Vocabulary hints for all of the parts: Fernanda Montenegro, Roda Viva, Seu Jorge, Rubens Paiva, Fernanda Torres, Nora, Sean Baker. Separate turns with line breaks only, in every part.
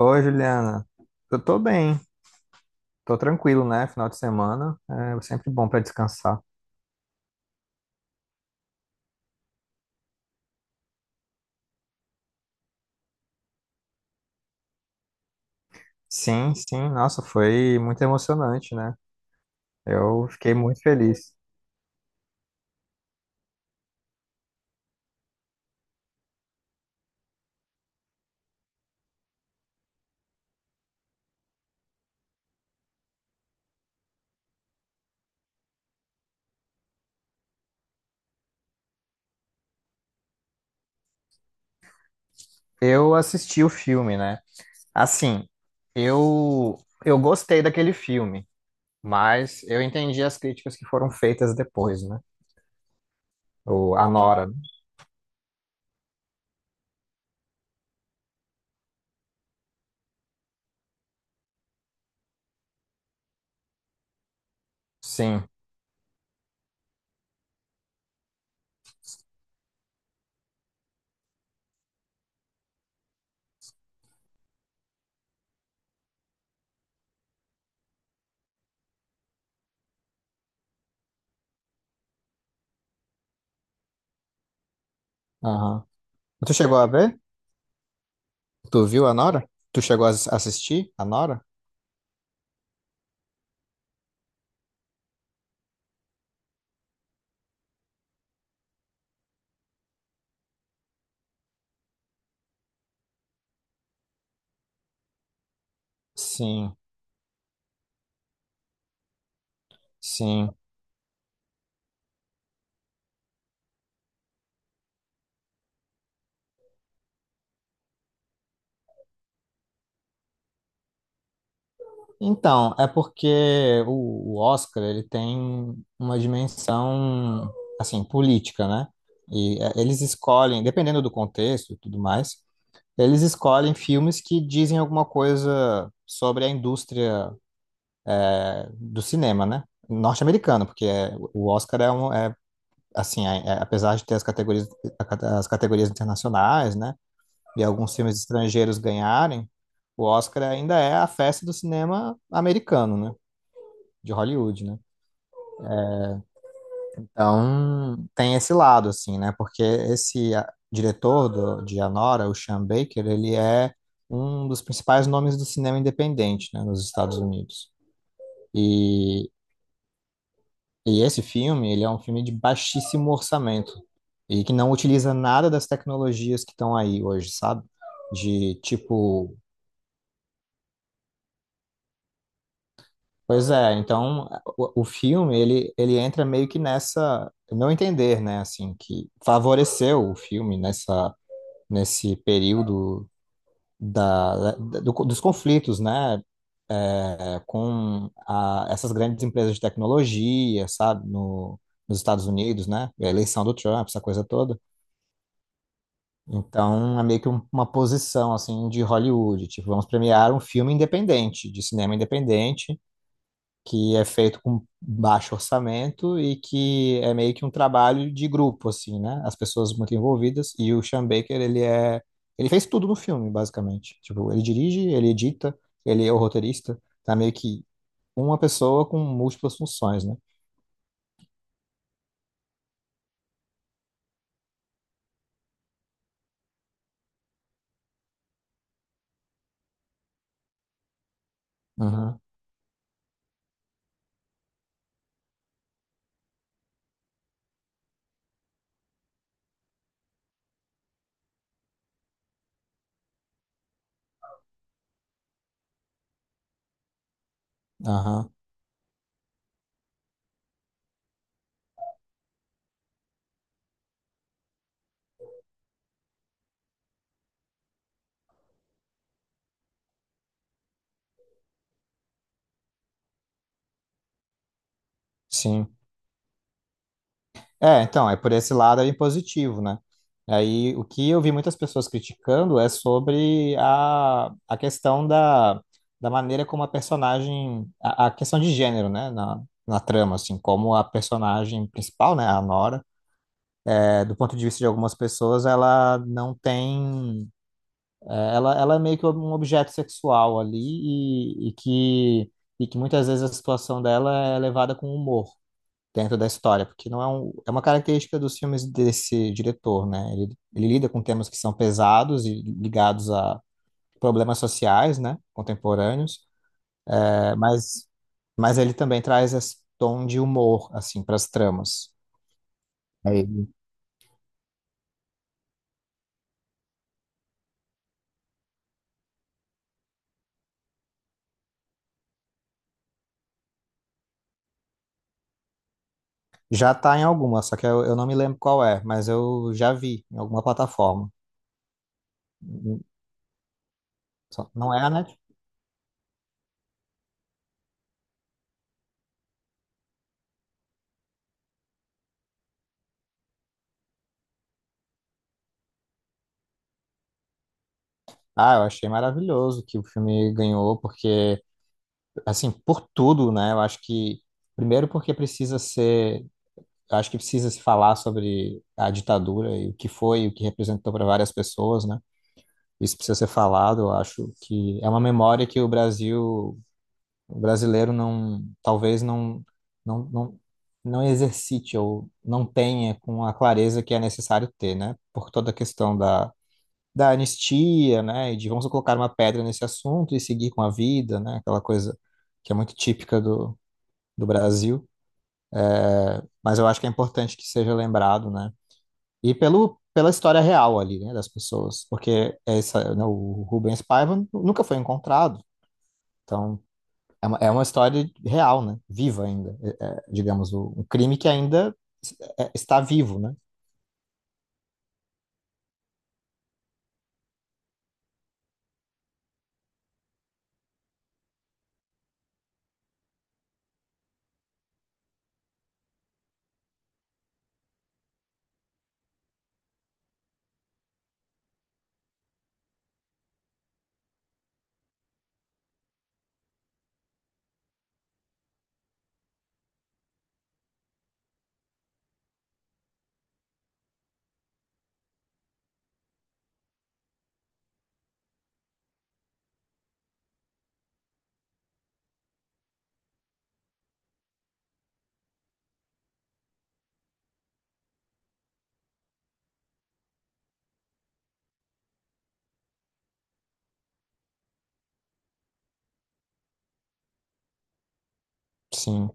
Oi, Juliana. Eu tô bem, tô tranquilo, né? Final de semana é sempre bom pra descansar. Sim, sim, nossa, foi muito emocionante, né? Eu fiquei muito feliz. Eu assisti o filme, né? Assim, eu eu gostei daquele filme, mas eu entendi as críticas que foram feitas depois, né? O a Nora. Né? Sim. Aham. Tu chegou a ver? Tu viu a Nora? Tu chegou a assistir a Nora? Sim, sim. Então, é porque o Oscar ele tem uma dimensão assim política, né? Eles escolhem, dependendo do contexto e tudo mais, eles escolhem filmes que dizem alguma coisa sobre a indústria do cinema, né? Norte-americano, porque o Oscar é assim, apesar de ter as categorias, as categorias internacionais, né? E alguns filmes estrangeiros ganharem, o Oscar ainda é a festa do cinema americano, né? De Hollywood, né? Então, tem esse lado, assim, né? Porque esse diretor de Anora, o Sean Baker, ele é um dos principais nomes do cinema independente, né, nos Estados Unidos. E, e esse filme, ele é um filme de baixíssimo orçamento e que não utiliza nada das tecnologias que estão aí hoje, sabe? De tipo... Pois é, então o filme, ele entra meio que nessa... no Meu entender, né? Assim, que favoreceu o filme nessa nesse período dos conflitos, né, com essas grandes empresas de tecnologia, sabe, no, nos Estados Unidos, né, a eleição do Trump, essa coisa toda. Então, é meio que uma posição, assim, de Hollywood, tipo, vamos premiar um filme independente, de cinema independente, que é feito com baixo orçamento e que é meio que um trabalho de grupo, assim, né? As pessoas muito envolvidas e o Sean Baker, ele é... Ele fez tudo no filme, basicamente. Tipo, ele dirige, ele edita, ele é o roteirista. Tá meio que uma pessoa com múltiplas funções, né? Aham, aham, sim. É, então, é por esse lado aí positivo, né? Aí o que eu vi muitas pessoas criticando é sobre a questão da maneira como a personagem, a questão de gênero, né? Na trama, assim, como a personagem principal, né, a Nora, é, do ponto de vista de algumas pessoas, ela não tem, ela é meio que um objeto sexual ali e, e que, e que muitas vezes a situação dela é levada com humor dentro da história, porque não é, é uma característica dos filmes desse diretor, né? Ele lida com temas que são pesados e ligados a problemas sociais, né? Contemporâneos, é, mas, mas ele também traz esse tom de humor, assim, para as tramas. Aí, já tá em alguma, só que eu não me lembro qual é, mas eu já vi em alguma plataforma. Só- Não é a Netflix. Ah, eu achei maravilhoso que o filme ganhou, porque, assim, por tudo, né? Eu acho que, primeiro, porque precisa ser acho que precisa se falar sobre a ditadura e o que foi, e o que representou para várias pessoas, né? Isso precisa ser falado. Eu acho que é uma memória que o Brasil, o brasileiro não, talvez não não exercite ou não tenha com a clareza que é necessário ter, né? Por toda a questão da anistia, né? E de vamos colocar uma pedra nesse assunto e seguir com a vida, né? Aquela coisa que é muito típica do Brasil. Mas eu acho que é importante que seja lembrado, né? E pelo, pela história real ali, né, das pessoas, porque essa, né, o Rubens Paiva nunca foi encontrado, então é uma história real, né, viva ainda, digamos, um crime que ainda está vivo, né? Sim.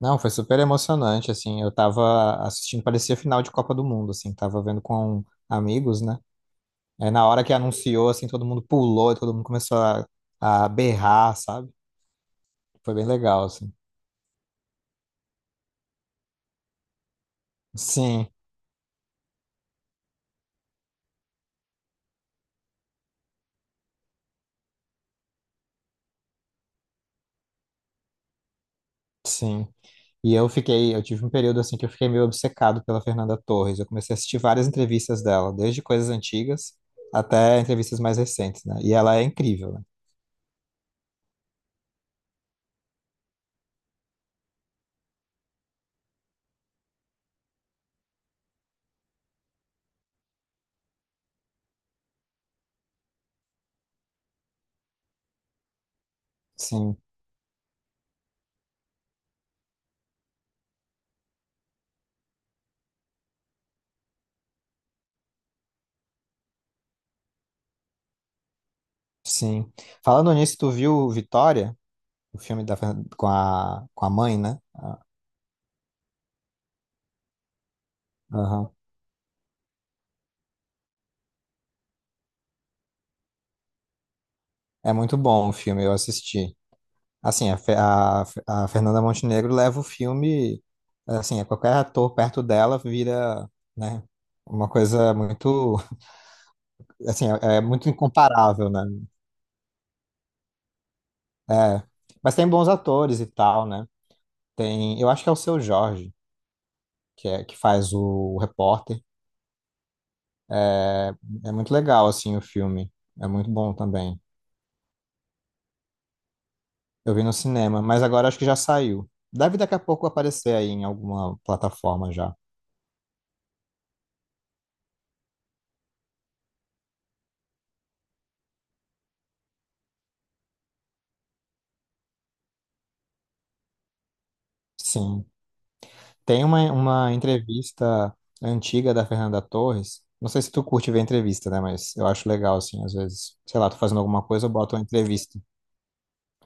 Não, foi super emocionante, assim, eu tava assistindo, parecia final de Copa do Mundo, assim, tava vendo com amigos, né, na hora que anunciou, assim, todo mundo pulou, todo mundo começou a berrar, sabe? Foi bem legal, assim. Sim, sim. E eu fiquei, eu tive um período assim que eu fiquei meio obcecado pela Fernanda Torres. Eu comecei a assistir várias entrevistas dela, desde coisas antigas até entrevistas mais recentes, né? E ela é incrível, né? Sim, sim. Falando nisso, tu viu Vitória, o filme com com a mãe, né? Aham. É muito bom o filme, eu assisti. Assim, a Fernanda Montenegro leva o filme, assim, a qualquer ator perto dela vira, né? Uma coisa muito, assim, é muito incomparável, né? É, mas tem bons atores e tal, né? Tem, eu acho que é o Seu Jorge, que é que faz o, repórter. É é muito legal assim o filme. É muito bom também. Eu vi no cinema, mas agora acho que já saiu. Deve daqui a pouco aparecer aí em alguma plataforma já. Sim. Tem uma entrevista antiga da Fernanda Torres. Não sei se tu curte ver entrevista, né? Mas eu acho legal, assim, às vezes. Sei lá, tô fazendo alguma coisa, eu boto uma entrevista.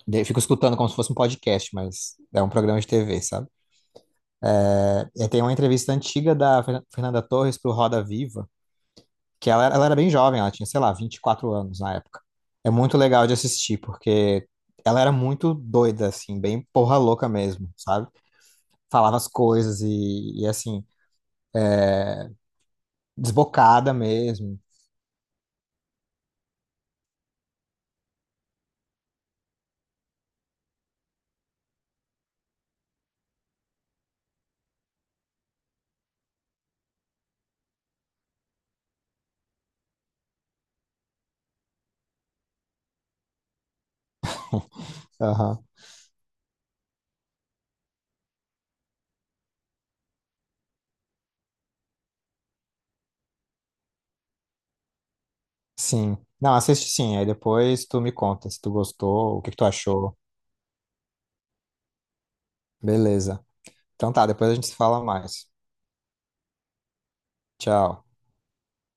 Daí eu fico escutando como se fosse um podcast, mas é um programa de TV, sabe? É, tem uma entrevista antiga da Fernanda Torres pro Roda Viva, que ela era bem jovem, ela tinha, sei lá, 24 anos na época. É muito legal de assistir, porque ela era muito doida, assim, bem porra louca mesmo, sabe? Falava as coisas assim, desbocada mesmo. Aham, sim. Não, assiste sim, aí depois tu me conta se tu gostou, o que que tu achou. Beleza. Então tá, depois a gente se fala mais. Tchau.